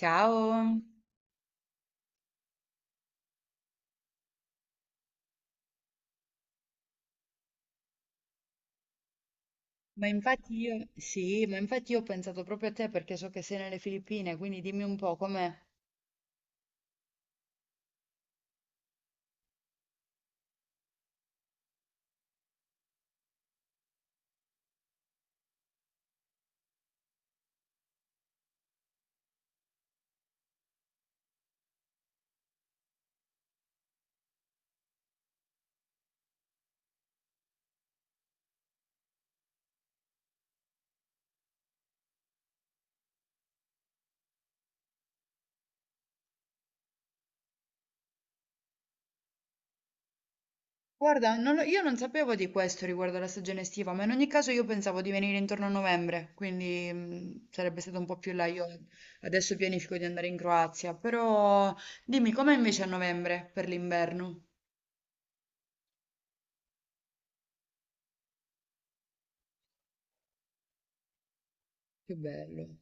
Ciao, ma infatti io, sì, ma infatti io ho pensato proprio a te perché so che sei nelle Filippine, quindi dimmi un po' com'è. Guarda, non lo- io non sapevo di questo riguardo alla stagione estiva, ma in ogni caso io pensavo di venire intorno a novembre, quindi sarebbe stato un po' più là. Io adesso pianifico di andare in Croazia, però dimmi com'è invece a novembre per l'inverno? Che bello.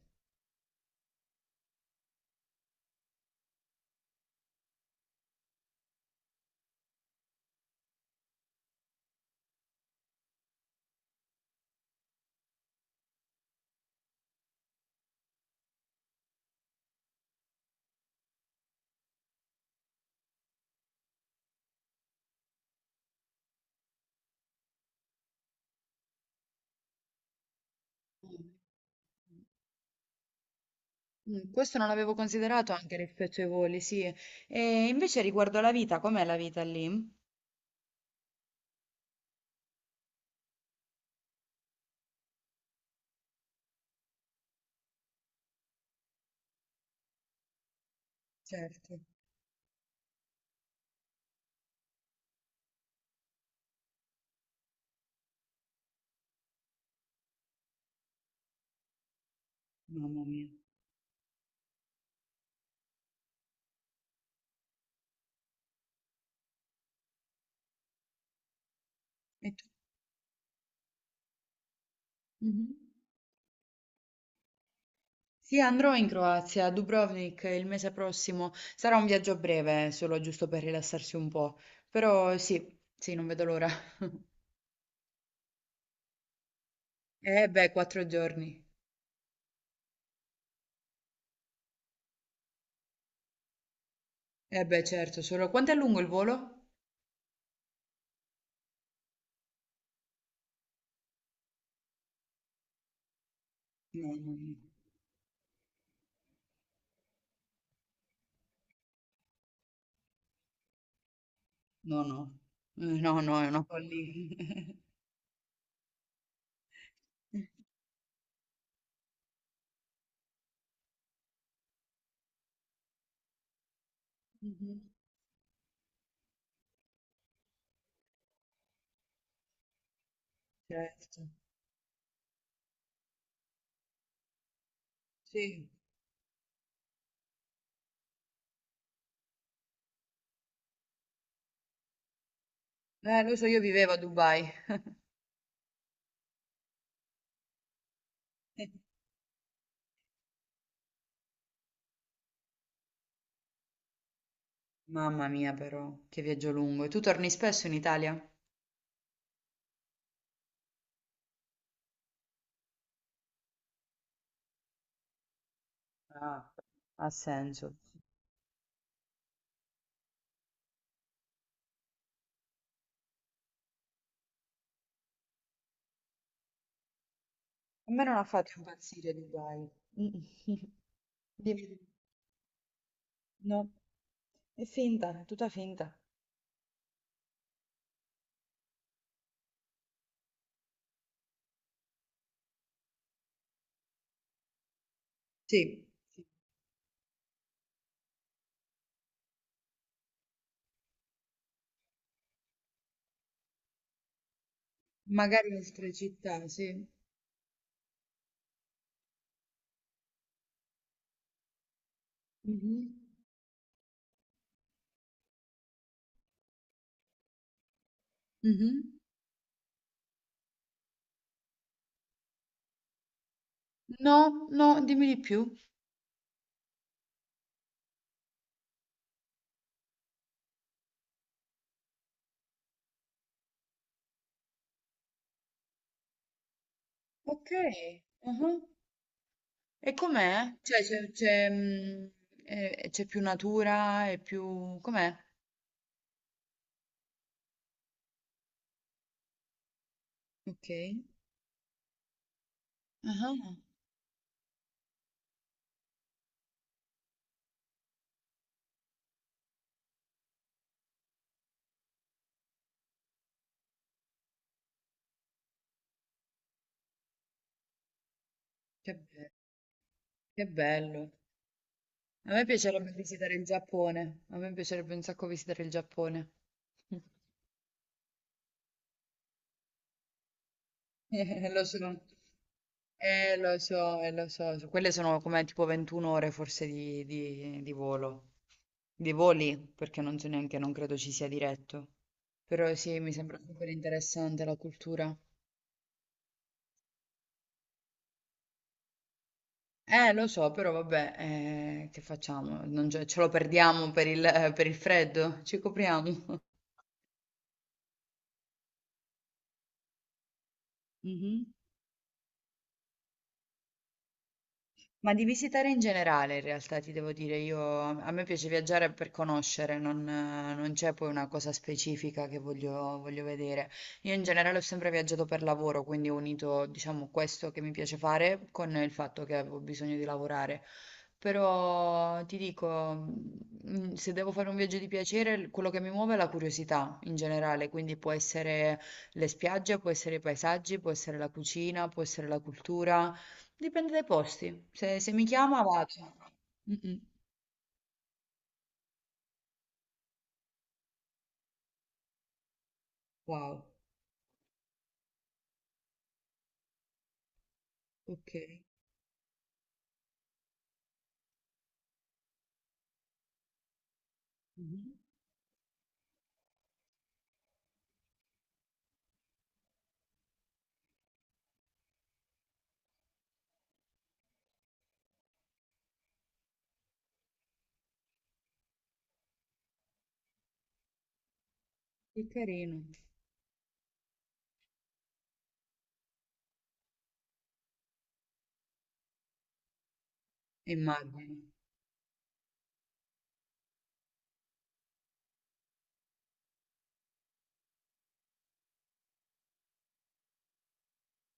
Mm. Questo non l'avevo considerato anche rispetto ai voli, sì. E invece riguardo alla vita, com'è la vita lì? Certo. Mamma mia. E tu? Mhm. Sì, andrò in Croazia, a Dubrovnik il mese prossimo. Sarà un viaggio breve, solo giusto per rilassarsi un po'. Però sì, sì, non vedo l'ora. Eh beh, 4 giorni. Eh beh, certo, solo, quanto è lungo il volo? No, no, no. No, no. No, no, è una follia. Mhm. Certo. Sì. Lo so, io vivevo a Dubai. Mamma mia, però, che viaggio lungo. E tu torni spesso in Italia? Ah, ha senso. A me non ha fatto impazzire Dubai. Mm. Dimmi, dimmi. No, è finta, è tutta finta. Sì, sì, magari altre città, sì. Mhm. Mhm. No, no, dimmi di più. Ok, mhm. E com'è? Cioè, mm, c'è più natura e più, com'è? Ok. Ah, che, be- che bello. A me piacerebbe visitare il Giappone. A me piacerebbe un sacco visitare il Giappone. Lo so. Lo so, quelle sono come tipo 21 ore forse di, di volo, di voli, perché non so neanche, non credo ci sia diretto, però sì, mi sembra super interessante la cultura. Lo so, però vabbè, che facciamo? Non ce lo perdiamo per il freddo, ci copriamo. Mhm. Ma di visitare in generale, in realtà, ti devo dire, io, a me piace viaggiare per conoscere, non c'è poi una cosa specifica che voglio vedere. Io in generale ho sempre viaggiato per lavoro, quindi ho unito, diciamo, questo che mi piace fare con il fatto che avevo bisogno di lavorare. Però ti dico, mm, se devo fare un viaggio di piacere, quello che mi muove è la curiosità in generale, quindi può essere le spiagge, può essere i paesaggi, può essere la cucina, può essere la cultura. Dipende dai posti, se mi chiama vado. Mm-mm. Wow, ok. Mhm. Che carino, immagino.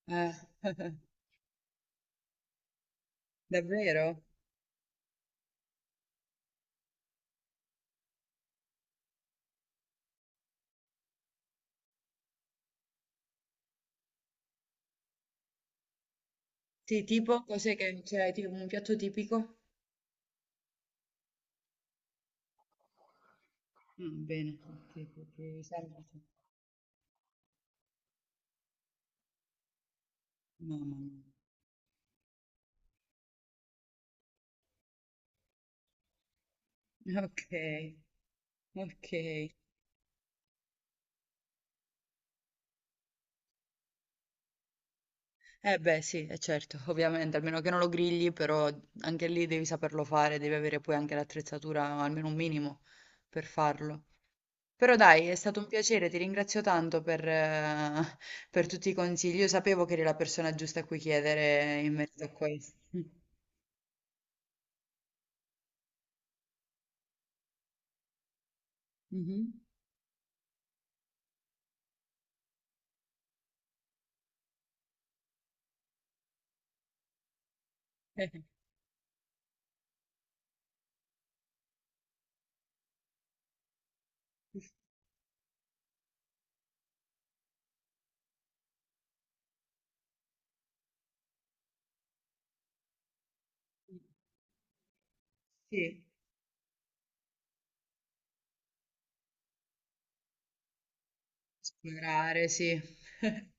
Eh, davvero? Sì, tipo, cos'è che c'è, tipo un piatto tipico? Mm, bene, tipo, che semplice. Mamma mia. Ok, ok. Eh beh, sì, è certo, ovviamente, almeno che non lo grigli, però anche lì devi saperlo fare, devi avere poi anche l'attrezzatura, almeno un minimo, per farlo. Però dai, è stato un piacere, ti ringrazio tanto per tutti i consigli. Io sapevo che eri la persona giusta a cui chiedere in merito a questo. Mhm. Sì, esplorare, sì.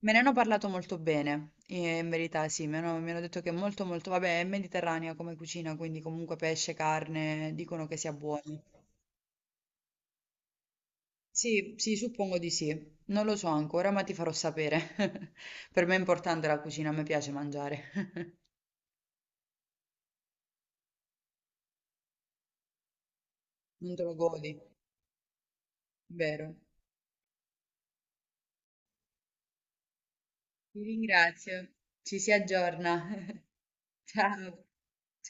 Me ne hanno parlato molto bene, in verità sì, mi hanno detto che è molto molto, vabbè, è mediterranea come cucina, quindi comunque pesce, carne, dicono che sia buono. Sì, sì, suppongo di sì. Non lo so ancora, ma ti farò sapere. Per me è importante la cucina, a me piace mangiare. Non te lo godi, vero. Ti ringrazio. Ci si aggiorna. Ciao.